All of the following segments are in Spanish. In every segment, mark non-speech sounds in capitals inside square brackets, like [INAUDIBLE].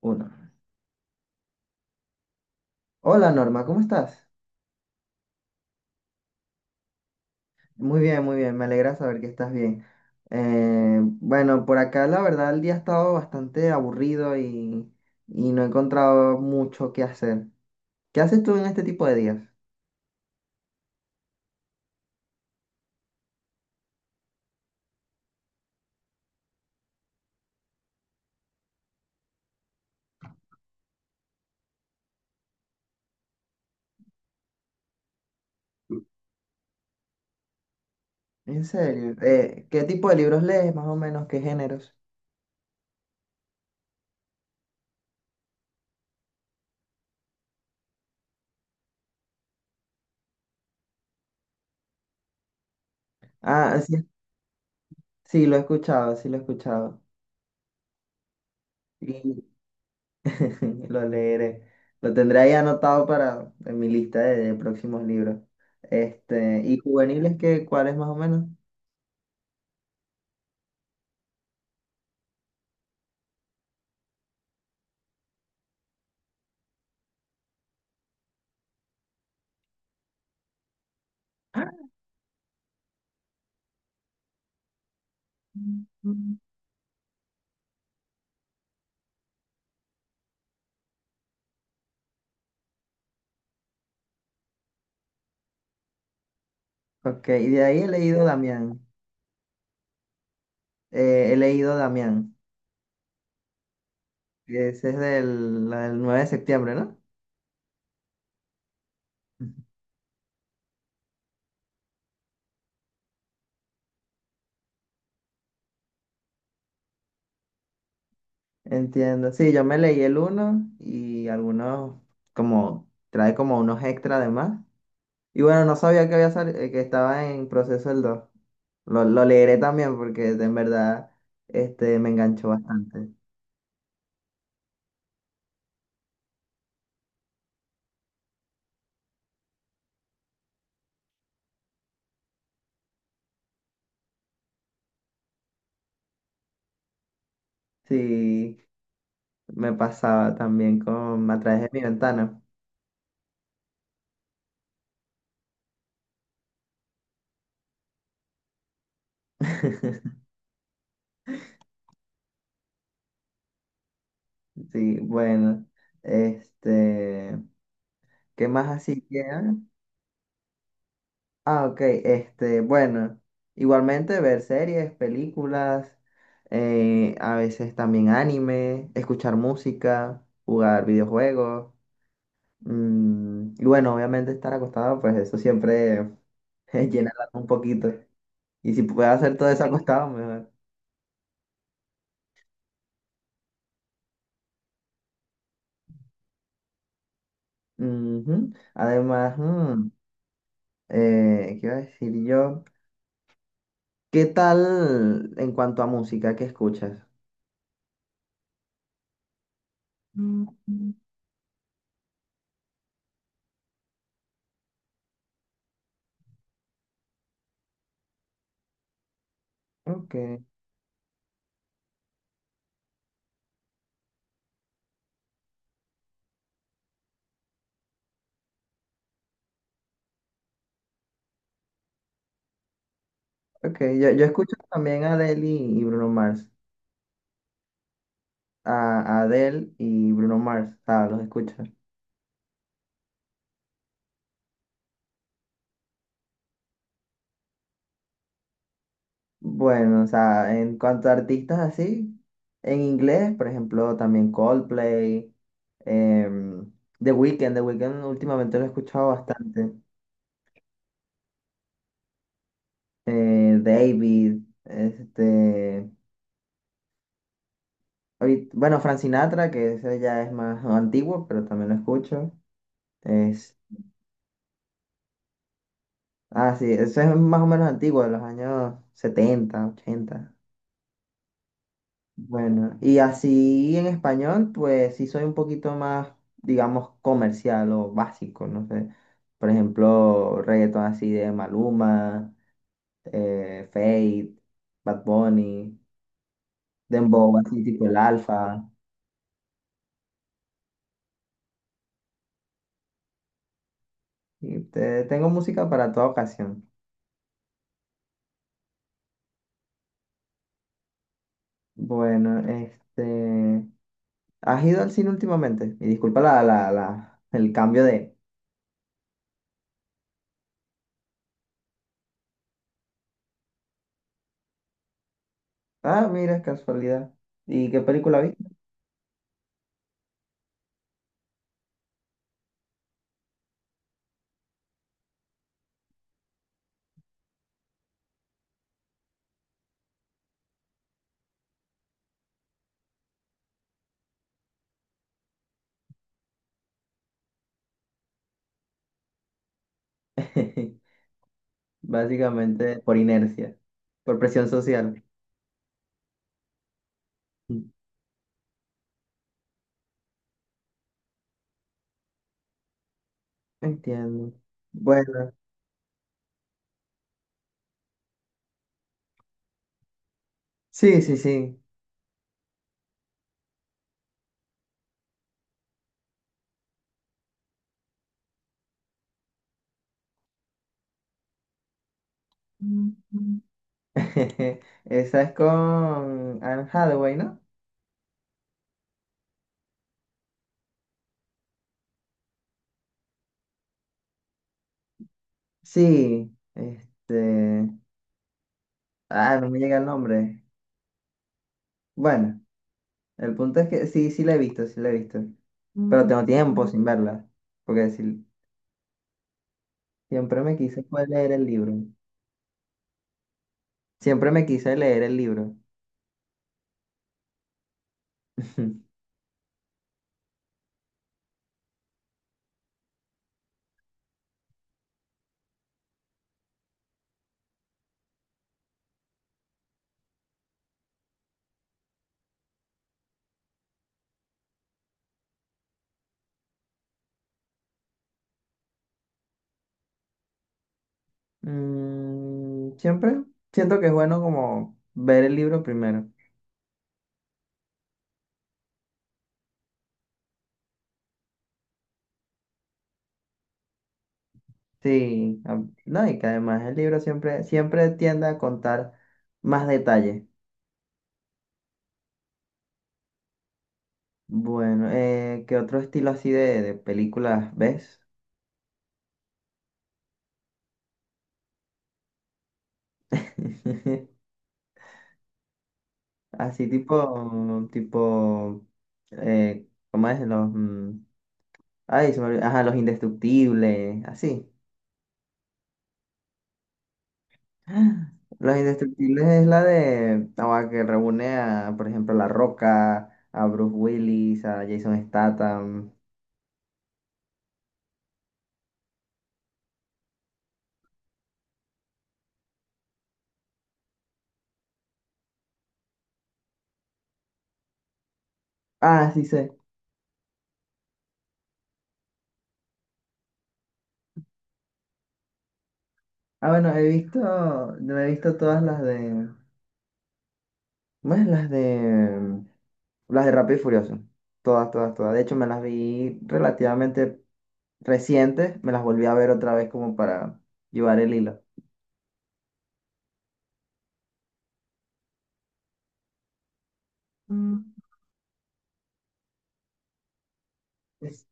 Uno. Hola Norma, ¿cómo estás? Muy bien, me alegra saber que estás bien. Bueno, por acá la verdad el día ha estado bastante aburrido y no he encontrado mucho que hacer. ¿Qué haces tú en este tipo de días? En serio, ¿qué tipo de libros lees más o menos? ¿Qué géneros? Ah, sí, sí, lo he escuchado, sí lo he escuchado. Y [LAUGHS] lo leeré. Lo tendré ahí anotado para en mi lista de próximos libros. Este, ¿y juveniles qué, cuáles más o menos? Mm. Ok, y de ahí he leído Damián. He leído Damián. Ese es la del 9 de septiembre, ¿no? Entiendo. Sí, yo me leí el uno y algunos como trae como unos extra además. Y bueno, no sabía que había que estaba en proceso el 2. Lo leeré también porque en verdad este, me enganchó bastante. Sí, me pasaba también con A través de mi ventana. [LAUGHS] Sí, bueno. Este. ¿Qué más así queda? Ah, ok, este, bueno, igualmente ver series, películas, a veces también anime, escuchar música, jugar videojuegos, y bueno, obviamente estar acostado, pues eso siempre [LAUGHS] llena el alma un poquito. Y si puedo hacer todo eso acostado, mejor. Ujú. Además, ¿qué iba a decir yo? ¿Qué tal en cuanto a música? ¿Qué escuchas? Mm, ok. Ok, yo escucho también a Adele y Bruno Mars. A Adele y Bruno Mars, o sea, los escucho. Bueno, o sea, en cuanto a artistas así, en inglés, por ejemplo, también Coldplay, em, The Weeknd, The Weeknd últimamente lo he escuchado bastante. David, este, bueno, Frank Sinatra, que ese ya es más antiguo, pero también lo escucho. Es, ah, sí, ese es más o menos antiguo, de los años 70, 80. Bueno, y así en español, pues sí soy un poquito más, digamos, comercial o básico, no sé. Por ejemplo, reggaeton así de Maluma, Feid, Bad Bunny, Dembow, así tipo el Alfa. Y tengo música para toda ocasión. Bueno, este. ¿Has ido al cine últimamente? Y disculpa el cambio de. Ah, mira, casualidad. ¿Y qué película vi? [LAUGHS] Básicamente por inercia. Por presión social. Entiendo. Bueno, sí, sí, sí. [LAUGHS] Esa es con Anne Hathaway, ¿no? Sí, este. Ah, no me llega el nombre. Bueno, el punto es que sí, sí la he visto, sí la he visto. Pero tengo tiempo sin verla. Porque sí, siempre me quise fue leer el libro. Siempre me quise leer el libro. [LAUGHS] Siempre siento que es bueno como ver el libro primero. Sí, no, y que además el libro siempre, siempre tiende a contar más detalles. Bueno, ¿qué otro estilo así de películas ves? [LAUGHS] Así tipo, ¿cómo es? Los, ay, se me olvidó. Ajá, los indestructibles, así. ¡Ah! Los indestructibles es la de, ah, que reúne a, por ejemplo, a La Roca, a Bruce Willis, a Jason Statham. Ah, sí. Ah, bueno, he visto, no he visto todas las de, más las de Rápido y Furioso, todas, todas, todas. De hecho, me las vi relativamente recientes, me las volví a ver otra vez como para llevar el hilo. Mm. Es-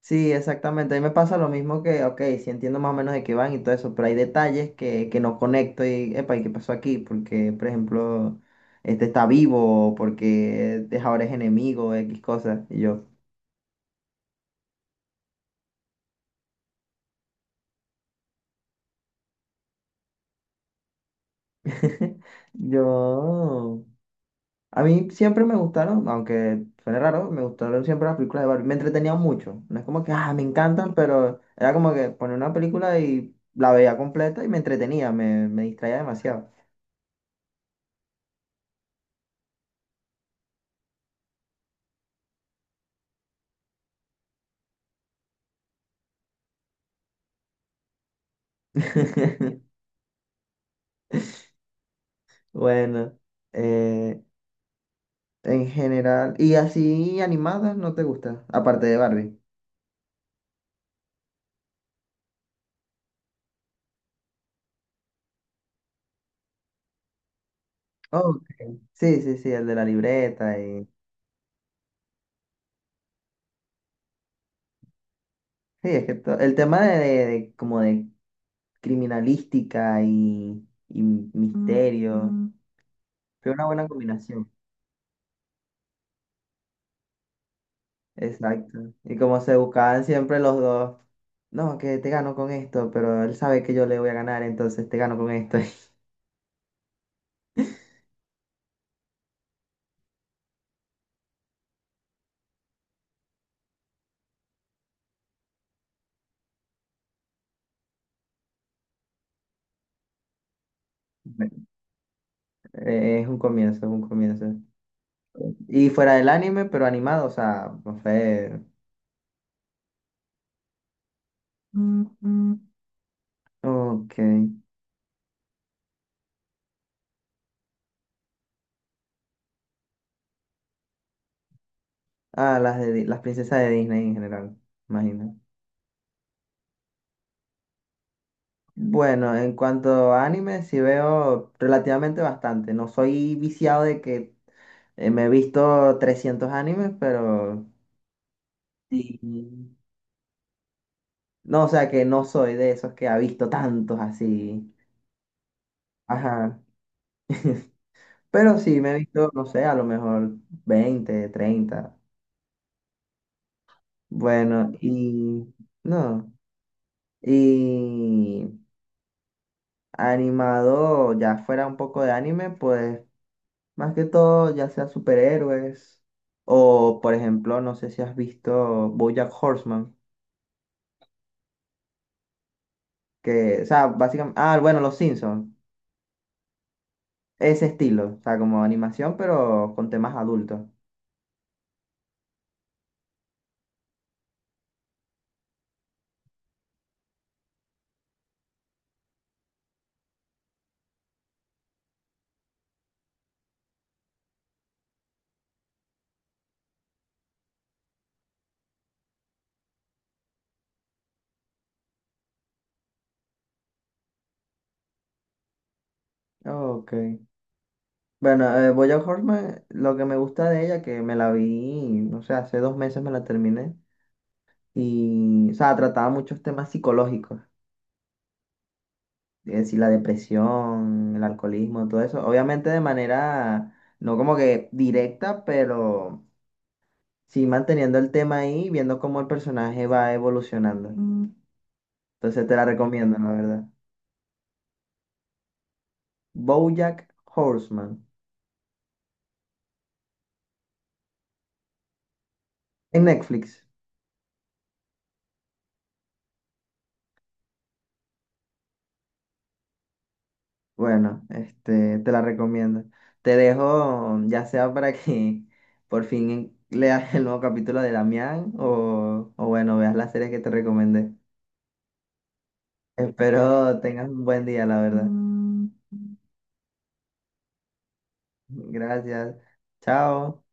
Sí, exactamente. A mí me pasa lo mismo que, ok, sí entiendo más o menos de qué van y todo eso, pero hay detalles que no conecto y, epa, ¿y qué pasó aquí? Porque, por ejemplo, este está vivo, o porque ahora es enemigo, X cosas. Y yo. [LAUGHS] Yo. A mí siempre me gustaron, aunque suene raro, me gustaron siempre las películas de Barbie. Me entretenían mucho. No es como que, ah, me encantan, pero era como que ponía una película y la veía completa y me entretenía, me distraía demasiado. [LAUGHS] Bueno, eh, en general. ¿Y así animadas no te gusta? Aparte de Barbie. Ok. Sí, sí, sí, el de la libreta y. Sí, es que el tema como de criminalística y misterio. Mm. Fue una buena combinación. Exacto. Y como se buscaban siempre los dos, no, que te gano con esto, pero él sabe que yo le voy a ganar, entonces te gano con esto. [LAUGHS] Es un comienzo, es un comienzo. Y fuera del anime, pero animado, o sea, no sé. Mm, mm. Ok. Ah, las de, las princesas de Disney en general, imagino. Bueno, en cuanto a anime, sí veo relativamente bastante. No soy viciado de que me he visto 300 animes, pero sí. No, o sea que no soy de esos que ha visto tantos así. Ajá. [LAUGHS] Pero sí, me he visto, no sé, a lo mejor 20 30. Bueno, y no. Y animado, ya fuera un poco de anime, pues más que todo, ya sea superhéroes. O, por ejemplo, no sé si has visto BoJack Horseman, que, o sea, básicamente, ah, bueno, Los Simpsons, ese estilo, o sea, como animación, pero con temas adultos. Ok. Bueno, BoJack Horseman, lo que me gusta de ella, que me la vi, no sé, hace 2 meses me la terminé, y, o sea, trataba muchos temas psicológicos, es decir, la depresión, el alcoholismo, todo eso, obviamente de manera, no como que directa, pero sí manteniendo el tema ahí, viendo cómo el personaje va evolucionando. Mm. Entonces te la recomiendo, la verdad. BoJack Horseman, en Netflix. Bueno, este, te la recomiendo. Te dejo, ya sea para que [LAUGHS] por fin leas el nuevo capítulo de Damián o bueno, veas las series que te recomendé. Espero tengas un buen día, la verdad. Mm. Gracias. Chao.